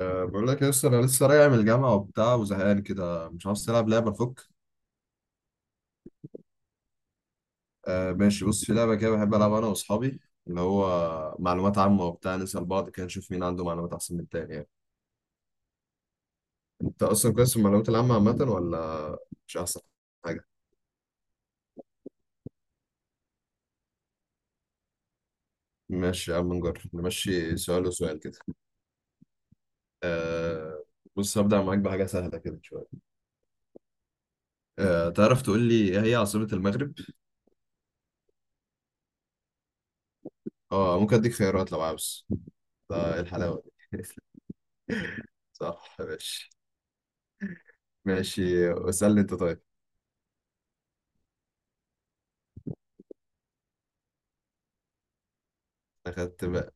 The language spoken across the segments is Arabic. بقول لك يا اسطى، انا لسه راجع من الجامعه وبتاع وزهقان كده. مش عاوز تلعب لعبه؟ فك ماشي، بص في لعبه كده بحب العبها انا واصحابي، اللي هو معلومات عامه وبتاع، نسال بعض كده نشوف مين عنده معلومات احسن من التاني يعني. انت اصلا كويس في المعلومات العامه عامه، ولا مش احسن حاجه؟ ماشي يا عم، نجرب نمشي سؤال وسؤال كده. أه بص، هبدا معاك بحاجه سهله كده شويه. تعرف تقول لي ايه هي عاصمه المغرب؟ اه ممكن اديك خيارات لو عاوز. ده إيه الحلاوه دي؟ صح، ماشي. ماشي اسالني انت طيب. أخدت بقى.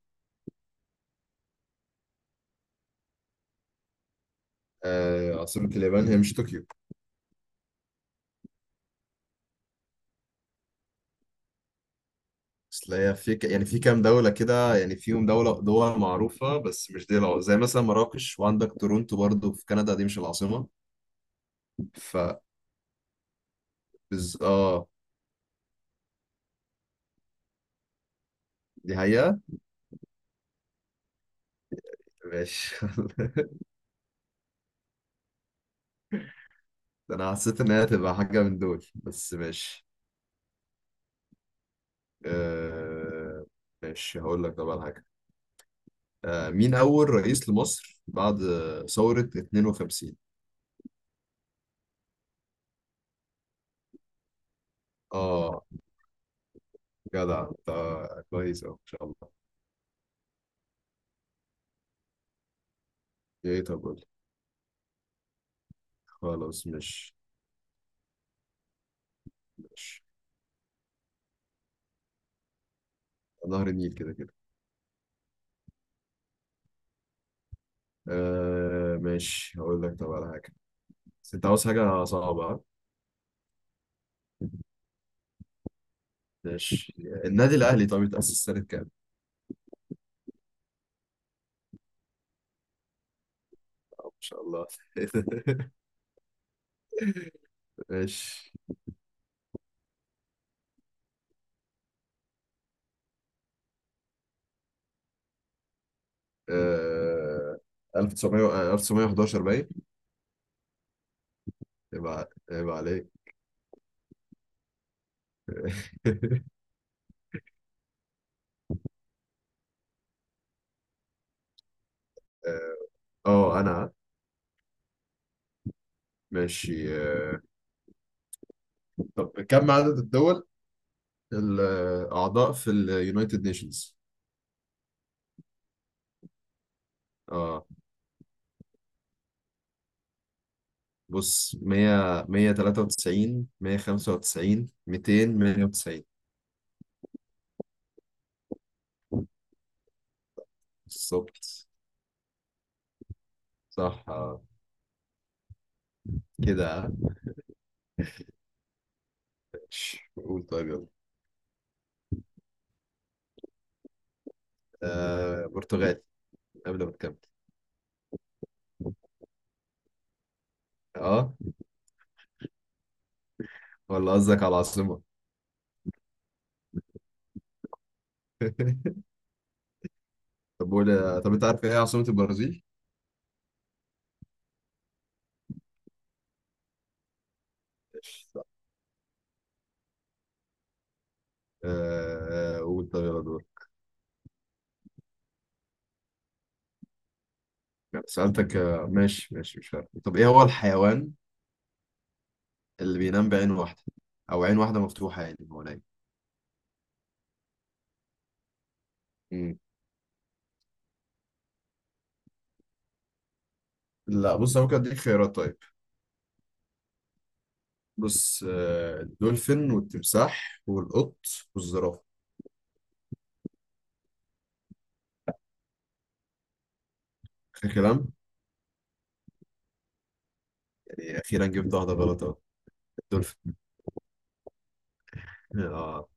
عاصمة اليابان هي مش طوكيو؟ أصل هي يعني في كام دولة كده يعني فيهم دولة، دول معروفة بس مش دي العاصمة. زي مثلا مراكش، وعندك تورونتو برضو في كندا، دي مش العاصمة. ف بز... اه دي حقيقة. ماشي. ده أنا حسيت إن هي هتبقى حاجة من دول، بس ماشي. آه... ماشي، هقول لك طبعا حاجة. مين أول رئيس لمصر بعد ثورة 52؟ اه جدع انت، كويس أوي، ان شاء الله. ايه، طب قول لي. خلاص ماشي. ماشي. نهر النيل كده كده. ماشي، هقول لك طب على حاجة. بس انت عاوز حاجة صعبة، ها؟ ماشي. النادي الأهلي طب اتأسس سنة كام؟ ما شاء الله. ماشي. آه 1900 1911 باين. يبقى عليك. اه انا ماشي. طب كم عدد الدول الأعضاء في اليونايتد نيشنز؟ اه بص، 100، 193، 195، 200، 190. بالظبط. صح. كده. قول طيب يلا. برتغال. قبل ما تكمل. اه ولا قصدك على العاصمة؟ طب قول، طب انت عارف ايه عاصمة البرازيل؟ لا. قول طب، يلا دور. سألتك. ماشي ماشي، مش عارف. طب ايه هو الحيوان اللي بينام بعين واحدة او عين واحدة مفتوحة يعني هو نايم؟ مم. لا، بص انا ممكن اديك خيارات طيب. بص الدولفين والتمساح والقط والزرافة. اخر كلام. يعني اخيرا جبت واحدة غلط اهو. الدولفين. اه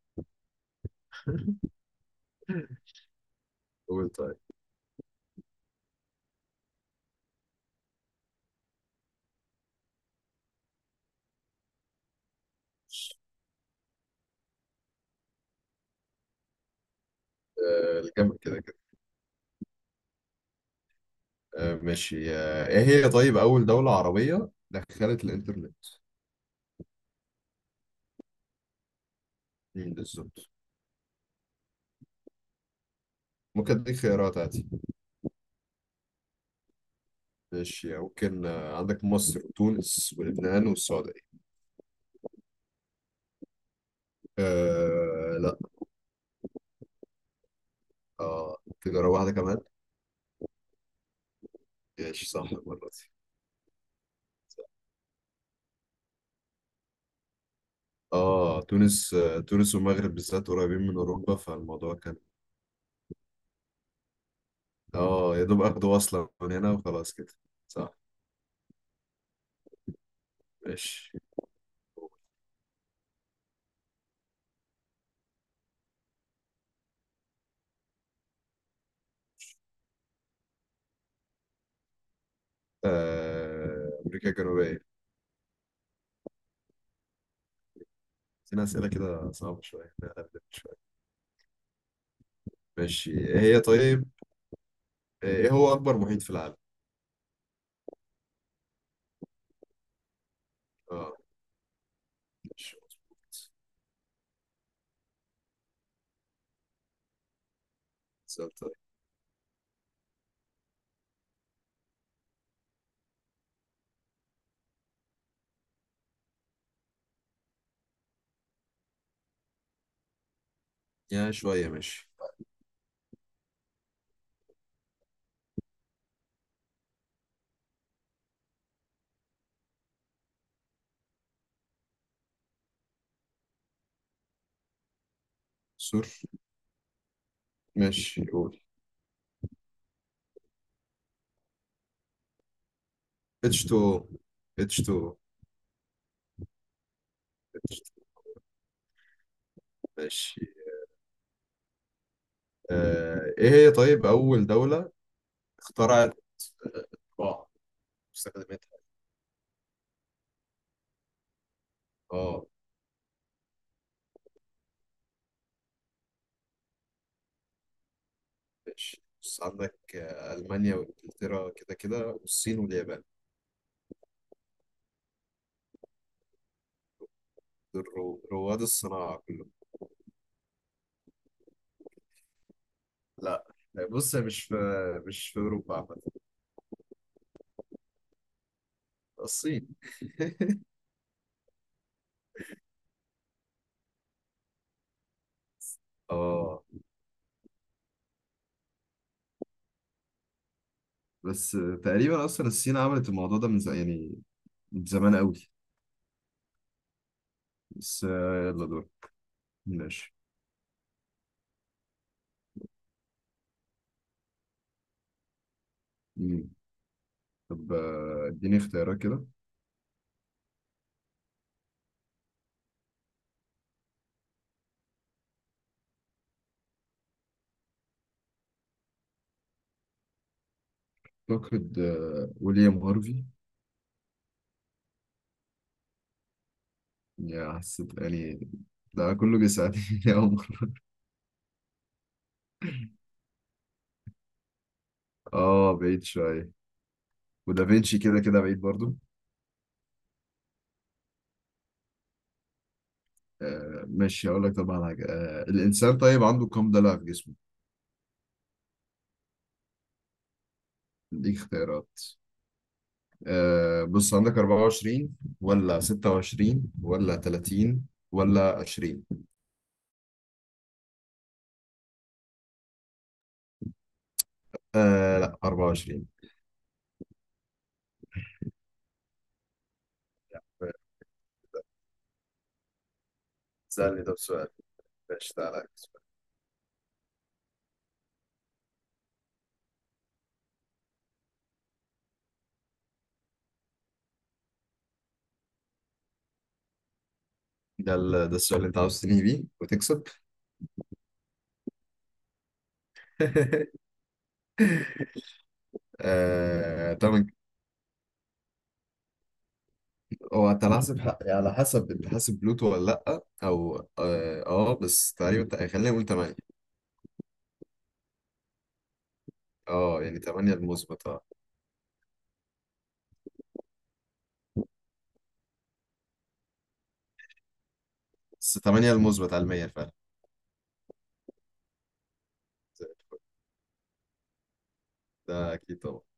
قول طيب. الجنب كده كده. ماشي. ايه هي طيب اول دولة عربية دخلت الانترنت؟ بالظبط. ممكن اديك خيارات عادي. ماشي ممكن. عندك مصر وتونس ولبنان والسعودية. آه، لا. اه تجرب واحدة كمان. ماشي، صح المرة دي. اه تونس. تونس والمغرب بالذات قريبين من اوروبا، فالموضوع كان. اه يا دوب اخدوا وصلة من هنا وخلاص كده. صح. ماشي. امريكا الجنوبية. أنا أسئلة كده صعبة شوية، أنا أقلب شوية. ماشي. إيه هي طيب إيه هو أكبر محيط في العالم؟ آه ماشي، مظبوط. سؤال طيب. يا شوية ماشي. سور. ماشي قول. H2O. H2O. H2O. ماشي. إيه هي طيب أول دولة اخترعت الطباعة، استخدمتها؟ آه ماشي، بص عندك ألمانيا وإنجلترا كده كده، والصين واليابان. دول رواد الصناعة كلهم. لا، بص، مش في أوروبا عامة. الصين. اه بس تقريبا اصلا الصين عملت الموضوع ده من زمان يعني، من زمان قوي. بس يلا دور. ماشي. مم. طب اديني اختيارات كده. اعتقد ويليام هارفي. يا، حسيت يعني ده كله بيساعدني. يا عمر. اه بعيد شويه، ودافينشي كده كده بعيد برضو. ماشي، هقول لك طبعا حاجه. الانسان طيب عنده كام ضلع في جسمه؟ ليك اختيارات. بص عندك 24 ولا 26 ولا 30 ولا 20. آه، لا، 24. سألني طب سؤال. ماشي تعالى. ده السؤال اللي انت عاوز تنهي بيه وتكسب. طبعا. هو انت على حسب انت حاسب بلوتو ولا لا، او اه, آه بس تقريبا خلينا نقول 8. اه يعني 8 المثبت اه بس 8 المثبت على 100 فعلا. ده اكيد طبعا.